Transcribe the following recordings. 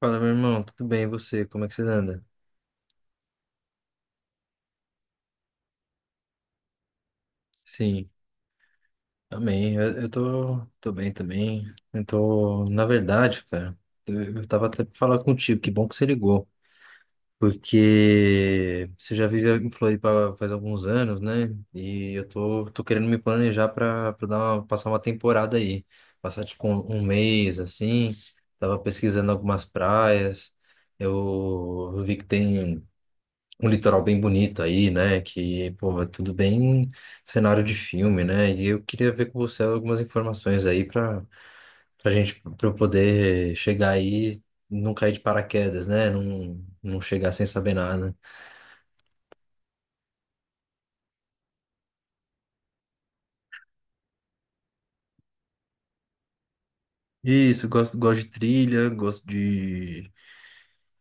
Fala, meu irmão, tudo bem? E você? Como é que você anda? Sim, amém. Eu tô bem também. Eu tô, na verdade, cara, eu tava até pra falar contigo, que bom que você ligou. Porque você já vive em Floripa faz alguns anos, né? E eu tô querendo me planejar pra passar uma temporada aí. Passar tipo um mês, assim. Tava pesquisando algumas praias. Eu vi que tem um litoral bem bonito aí, né? Que, pô, é tudo bem cenário de filme, né? E eu queria ver com você algumas informações aí pra, pra eu poder chegar aí, e não cair de paraquedas, né? Não chegar sem saber nada. Isso, gosto, gosto de trilha, gosto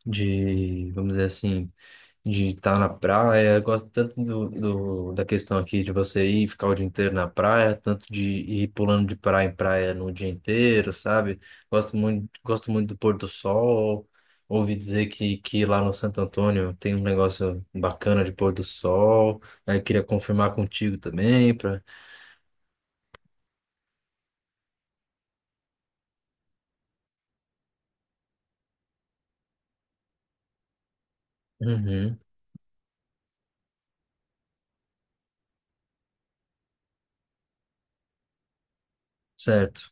de, vamos dizer assim, de estar na praia. Eu gosto tanto do, da questão aqui de você ir ficar o dia inteiro na praia, tanto de ir pulando de praia em praia no dia inteiro, sabe? Gosto muito do pôr do sol. Ouvi dizer que lá no Santo Antônio tem um negócio bacana de pôr do sol. Aí eu queria confirmar contigo também para. Uhum, certo.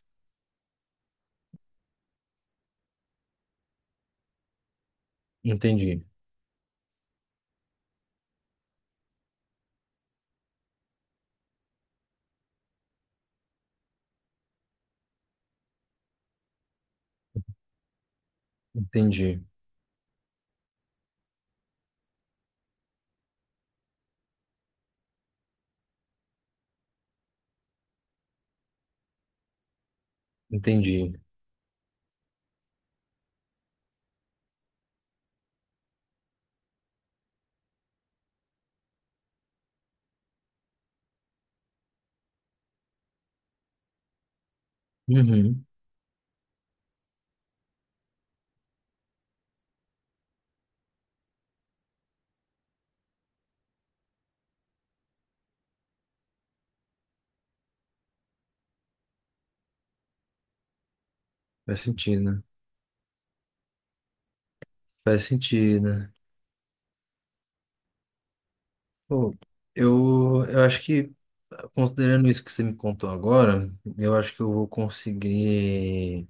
Entendi. Entendi. Entendi. Uhum. Faz sentido, né? Faz sentido. Pô, eu acho que, considerando isso que você me contou agora, eu acho que eu vou conseguir.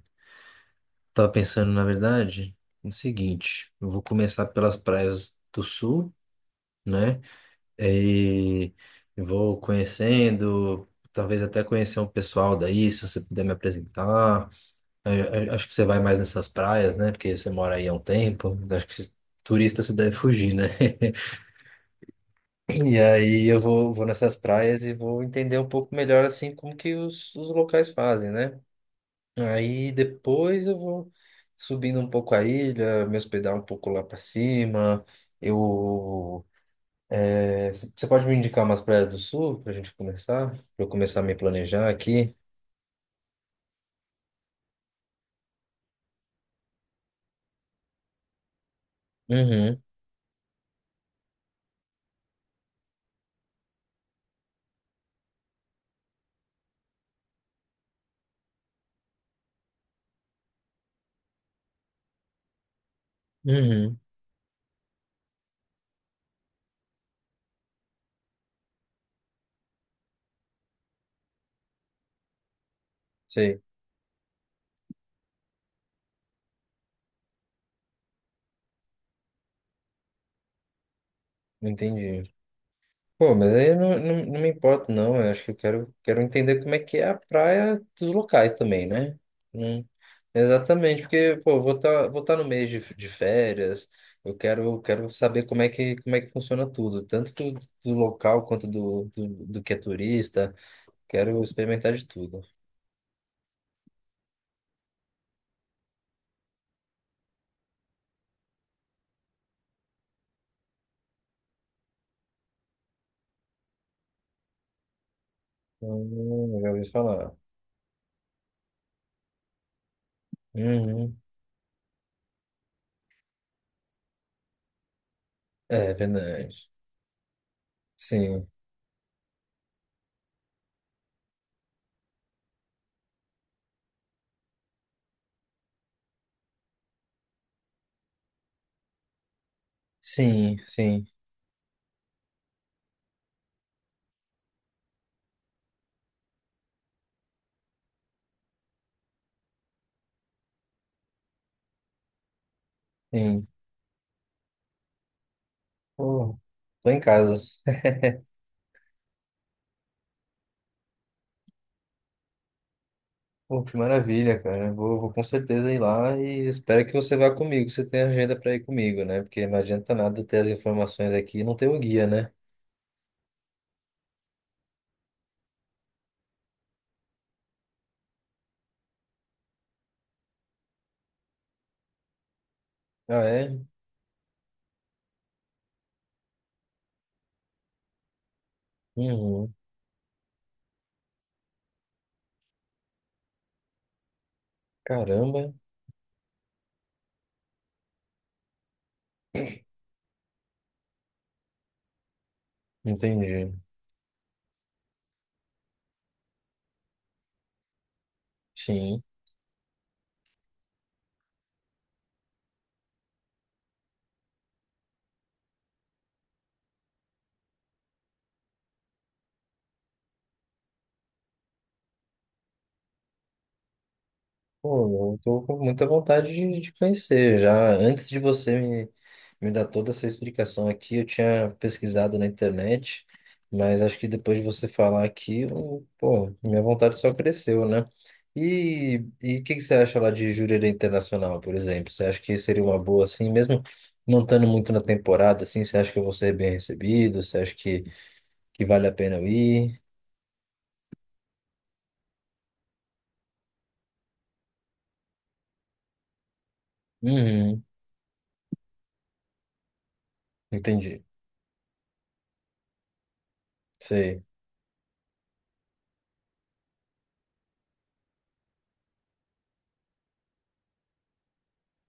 Tava pensando, na verdade, no seguinte: eu vou começar pelas praias do sul, né? E eu vou conhecendo, talvez até conhecer um pessoal daí, se você puder me apresentar. Eu- eu acho que você vai mais nessas praias, né? Porque você mora aí há um tempo. Eu acho que turista você deve fugir, né? E aí eu vou, vou nessas praias e vou entender um pouco melhor assim como que os locais fazem, né? Aí depois eu vou subindo um pouco a ilha, me hospedar um pouco lá pra cima. Eu Você pode me indicar umas praias do sul pra gente começar? Pra eu começar a me planejar aqui? Uhum, uhum, sei, entendi. Pô, mas aí eu não, não me importo, não. Eu acho que eu quero, quero entender como é que é a praia dos locais também, né? Não- exatamente, porque, pô, eu vou estar vou tá no mês de férias, eu quero, quero saber como é que funciona tudo, tanto do, do local quanto do, do, do que é turista. Quero experimentar de tudo. Já ouvi falar. Uhum. É verdade. Sim, sim, sim, sim. Pô, tô em casa. Pô, que maravilha, cara. Vou, vou com certeza ir lá e espero que você vá comigo. Você tem agenda para ir comigo, né? Porque não adianta nada eu ter as informações aqui e não ter o guia, né? Ah, é? Uhum. Caramba. Entendi. Sim. Pô, eu tô com muita vontade de conhecer já. Antes de você me, me dar toda essa explicação aqui, eu tinha pesquisado na internet, mas acho que depois de você falar aqui, pô, minha vontade só cresceu, né? E o que, que você acha lá de Jurerê Internacional, por exemplo? Você acha que seria uma boa, assim, mesmo não estando muito na temporada, assim, você acha que eu vou ser bem recebido? Você acha que vale a pena eu ir? Uhum, entendi. Sei,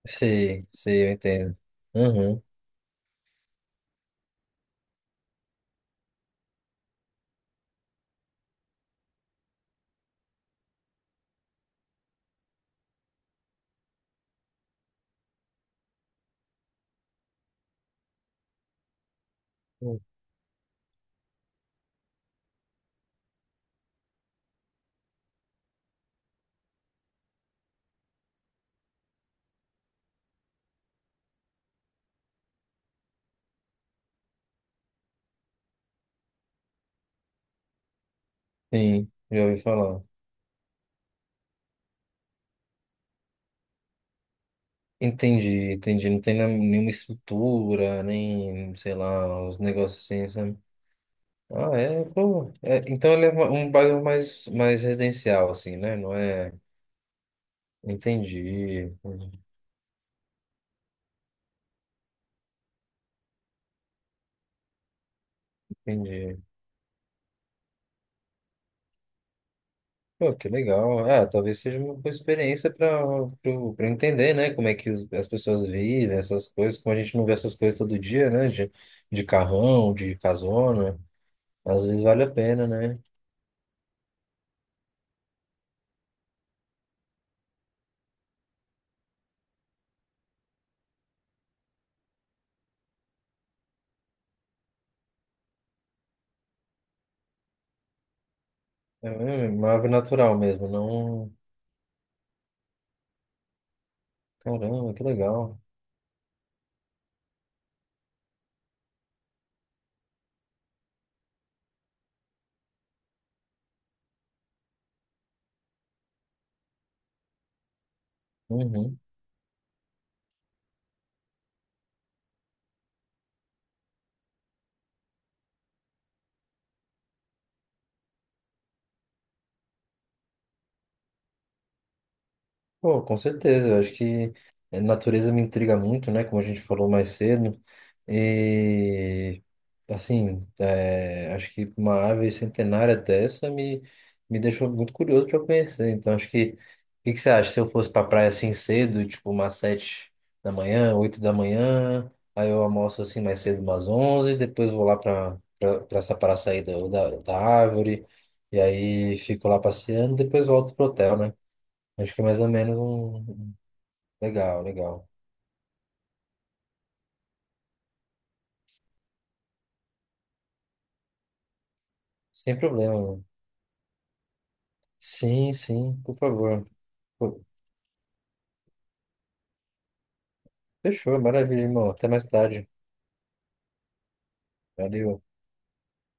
sei, sei, eu entendo. Uhum. Sim, já ouvi falar. Entendi, entendi. Não tem nenhuma estrutura, nem, sei lá, os negócios assim, sabe? Ah, é, pô. É, então ele é um bairro mais, mais residencial, assim, né? Não é. Entendi, entendi. Pô, que legal. Ah, talvez seja uma boa experiência para para entender, né? Como é que as pessoas vivem, essas coisas, como a gente não vê essas coisas todo dia, né? De carrão, de casona. Às vezes vale a pena, né? É, é, é, uma árvore natural mesmo, não. Caramba, que legal. Uhum. Pô, com certeza, eu acho que a natureza me intriga muito, né? Como a gente falou mais cedo. E, assim, é, acho que uma ave centenária dessa me, me deixou muito curioso para conhecer. Então, acho que. O que que você acha? Se eu fosse pra praia assim cedo, tipo umas 7 da manhã, 8 da manhã, aí eu almoço assim mais cedo, umas 11, depois vou lá pra, pra, pra essa paraçaída da, da árvore, e aí fico lá passeando, depois volto pro hotel, né? Acho que é mais ou menos um. Legal, legal. Sem problema, mano. Sim, sim, por favor. Pô, fechou, maravilha, irmão. Até mais tarde. Valeu.